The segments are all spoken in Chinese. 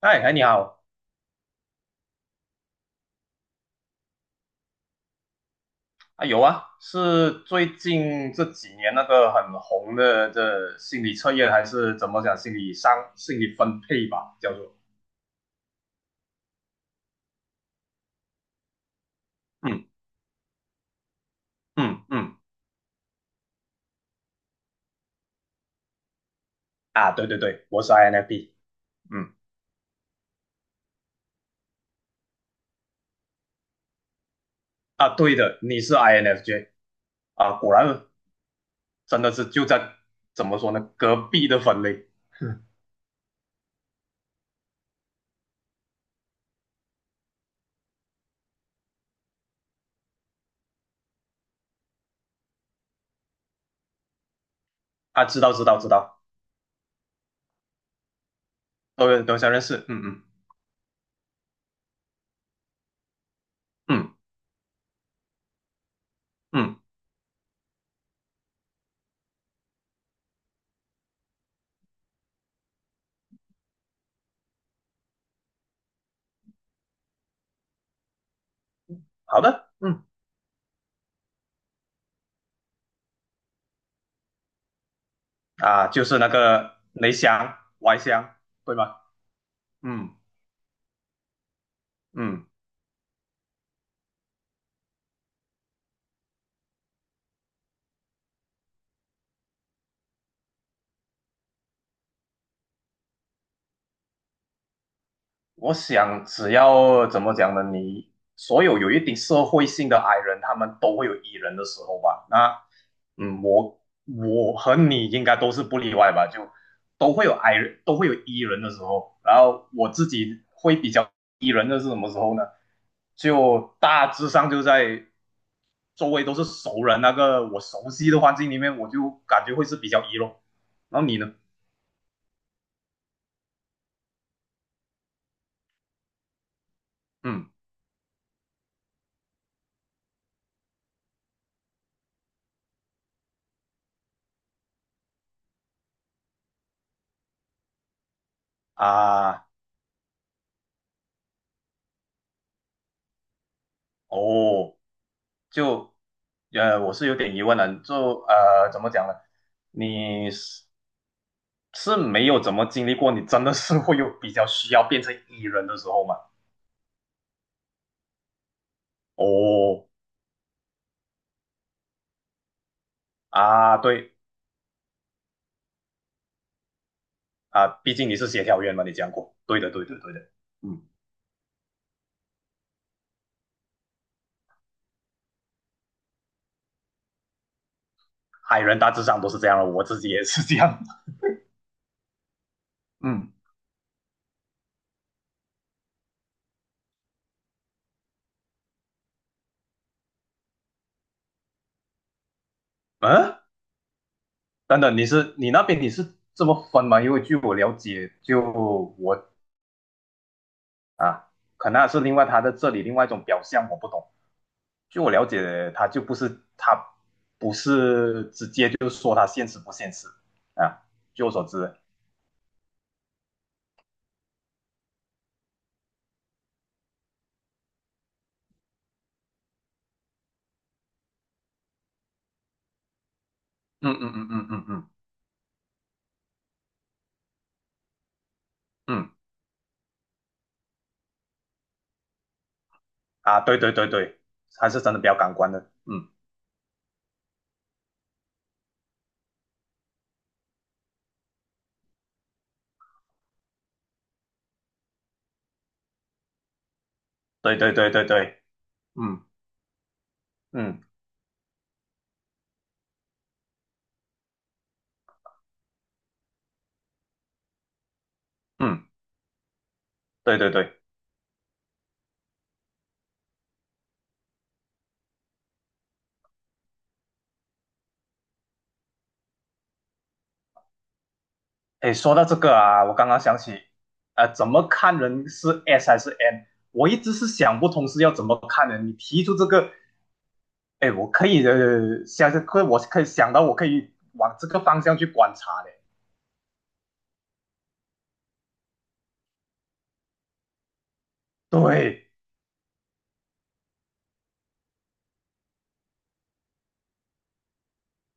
哎哎，你好。啊，有啊，是最近这几年那个很红的这心理测验，还是怎么讲心理商心理分配吧，叫做。嗯。嗯嗯。啊，对对对，我是 INFP。嗯。啊，对的，你是 INFJ。 啊，果然。真的是就在。怎么说呢，隔壁的分类。啊，知道知道知道。都相认识。嗯嗯。嗯嗯。好的，嗯。啊，就是那个内向外向，对吧？嗯。嗯。我想，只要怎么讲呢？你所有有一点社会性的矮人，他们都会有 E 人的时候吧？那，嗯，我和你应该都是不例外吧？就都会有矮人，都会有 E 人的时候。然后我自己会比较 E 人的是什么时候呢？就大致上就在周围都是熟人，那个我熟悉的环境里面，我就感觉会是比较 E 咯。然后你呢？嗯。啊，哦。就我是有点疑问的，就怎么讲呢？你是没有怎么经历过，你真的是会有比较需要变成 E 人的时候吗？哦，啊，对。啊，毕竟你是协调员嘛，你讲过，对的，对的，对的，嗯，海人大致上都是这样的，我自己也是这样。嗯。嗯，等等，你是你那边你是这么分吗？因为据我了解，就我啊，可能是另外他在这里另外一种表象，我不懂。据我了解，他就不是。他不是直接就说他现实不现实啊。据我所知，嗯嗯嗯嗯嗯嗯。嗯啊，对对对对。还是真的比较感官的，嗯，对对对对对，嗯嗯嗯，对对对。哎，说到这个啊，我刚刚想起，怎么看人是 S 还是 N？我一直是想不通是要怎么看人。你提出这个，哎，我可以我可以想到我可以往这个方向去观察的。对。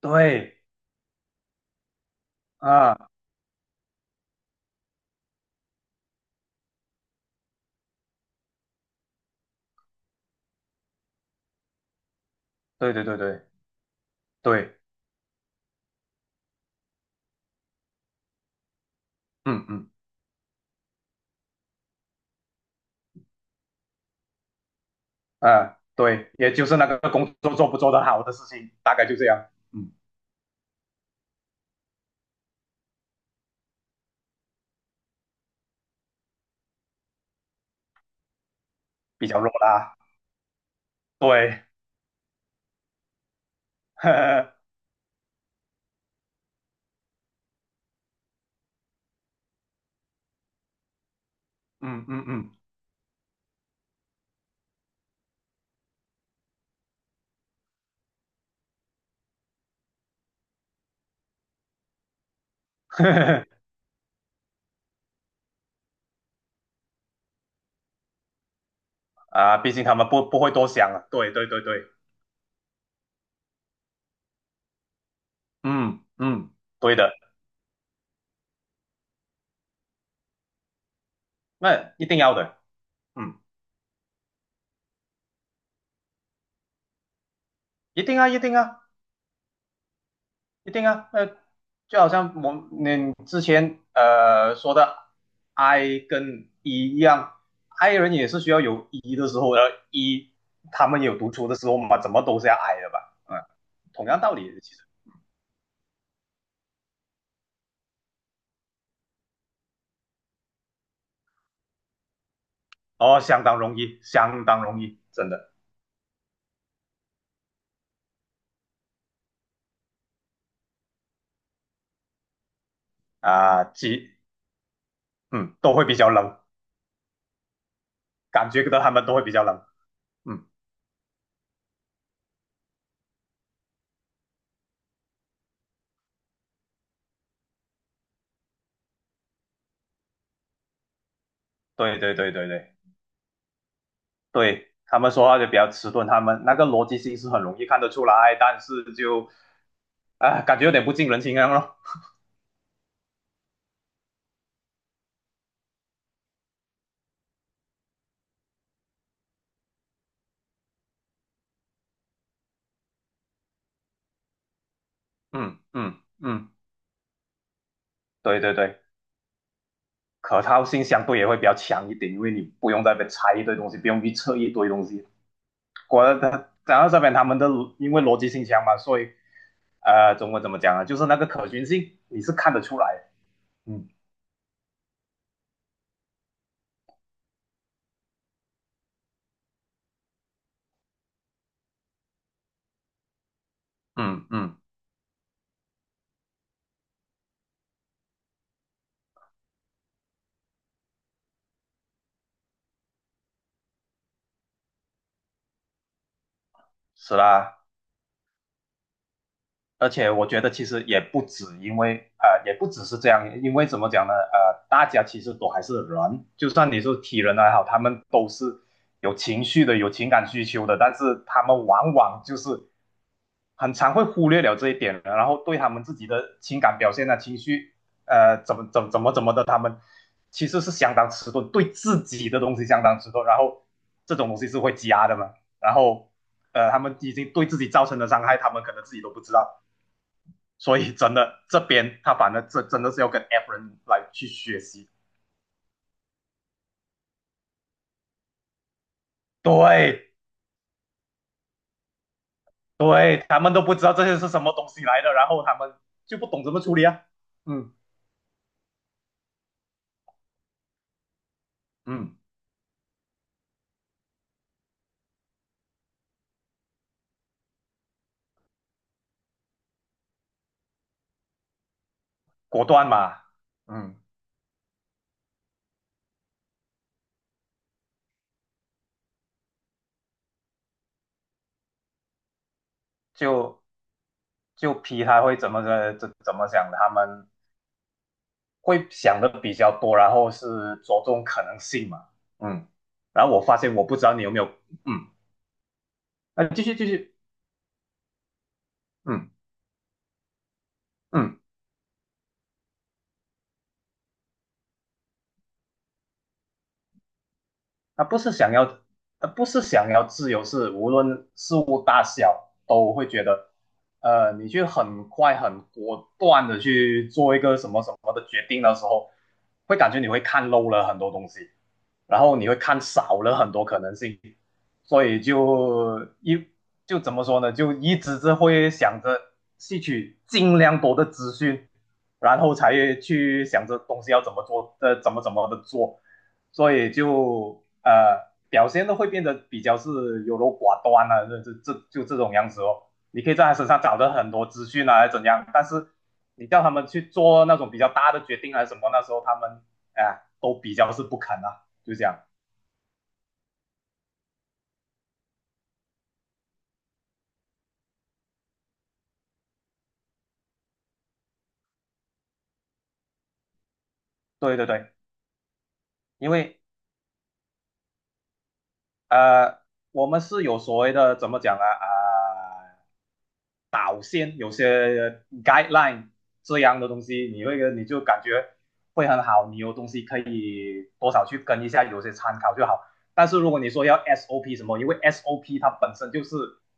对啊，对对对对对，嗯嗯。啊，对，也就是那个工作做不做得好的事情，大概就这样，嗯，比较弱啦，对。呵呵，嗯嗯嗯。呵呵。啊，毕竟他们不会多想啊，对对对对，嗯嗯，对的，那一定要的，嗯，一定啊一定啊。一定啊，那就好像我们你之前说的 I 跟 E 一样。I 人也是需要有 E 的时候，然后 E 他们有读出的时候嘛，怎么都是要 I 的吧？嗯，同样道理，其实。哦，相当容易，相当容易，真的。啊，几。嗯都会比较冷。感觉到他们都会比较冷。嗯，对对对对对。对，他们说话就比较迟钝，他们那个逻辑性是很容易看得出来，但是就啊感觉有点不近人情一样咯。哦。嗯嗯嗯，对对对，可靠性相对也会比较强一点，因为你不用再被拆一堆东西，不用去测一堆东西。果然，他讲到这边，他们的因为逻辑性强嘛，所以中文怎么讲啊？就是那个可循性，你是看得出来的。嗯嗯嗯，是啦。而且我觉得其实也不止，因为也不只是这样，因为怎么讲呢？大家其实都还是人，就算你是体人还好，他们都是有情绪的、有情感需求的，但是他们往往就是很常会忽略了这一点，然后对他们自己的情感表现啊、情绪，怎么怎么怎么怎么的，他们其实是相当迟钝，对自己的东西相当迟钝。然后这种东西是会积压的嘛，然后他们已经对自己造成的伤害，他们可能自己都不知道。所以真的这边他反正这真的是要跟 F 人来去学习。对对，他们都不知道这些是什么东西来的，然后他们就不懂怎么处理啊。嗯嗯。果断嘛。嗯，就批他会怎么的怎么想的，他们会想的比较多，然后是着重可能性嘛。嗯，然后我发现我不知道你有没有。嗯，那继续继续。嗯嗯。他不是想要，他不是想要自由，是无论事物大小都会觉得，你去很快、很果断的去做一个什么什么的决定的时候，会感觉你会看漏了很多东西，然后你会看少了很多可能性。所以就怎么说呢，就一直是会想着吸取尽量多的资讯，然后才去想着东西要怎么做，怎么怎么的做。所以就表现都会变得比较是优柔寡断啊，这就这种样子哦。你可以在他身上找到很多资讯啊，怎样？但是你叫他们去做那种比较大的决定啊还是什么，那时候他们哎、都比较是不肯啊，就这样。对对对，因为呃，我们是有所谓的怎么讲呢？啊、导线，有些 guideline 这样的东西，你就感觉会很好，你有东西可以多少去跟一下，有些参考就好。但是如果你说要 SOP 什么，因为 SOP 它本身就是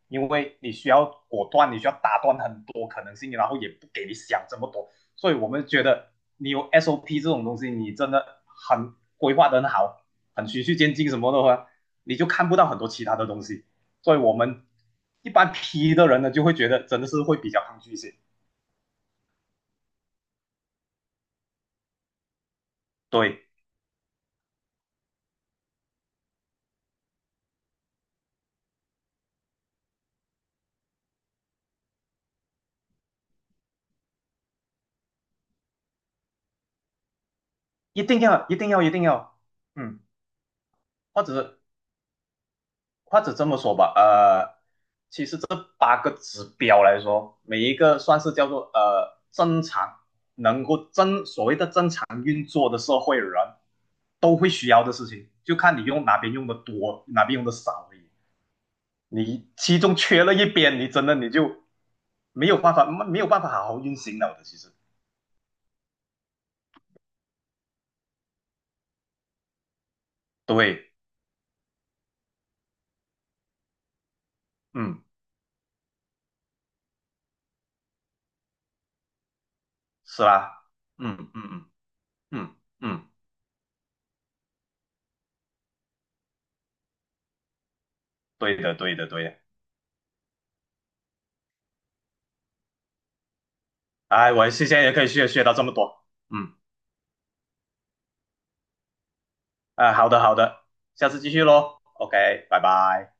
因为你需要果断，你需要打断很多可能性，然后也不给你想这么多，所以我们觉得你有 SOP 这种东西，你真的很规划得很好，很循序渐进什么的话，你就看不到很多其他的东西。所以我们一般 P 的人呢，就会觉得真的是会比较抗拒一些。对，一定要，一定要，一定要，嗯，或者或者这么说吧，其实这八个指标来说，每一个算是叫做正常，能够正所谓的正常运作的社会人都会需要的事情，就看你用哪边用的多，哪边用的少而已。你其中缺了一边，你真的你就没有办法，没有办法好好运行了的，其实，对，嗯，是啦，嗯嗯嗯嗯嗯，对的，对的，对的。哎，我现在也可以学学到这么多，嗯。啊，好的好的，下次继续喽，OK，拜拜。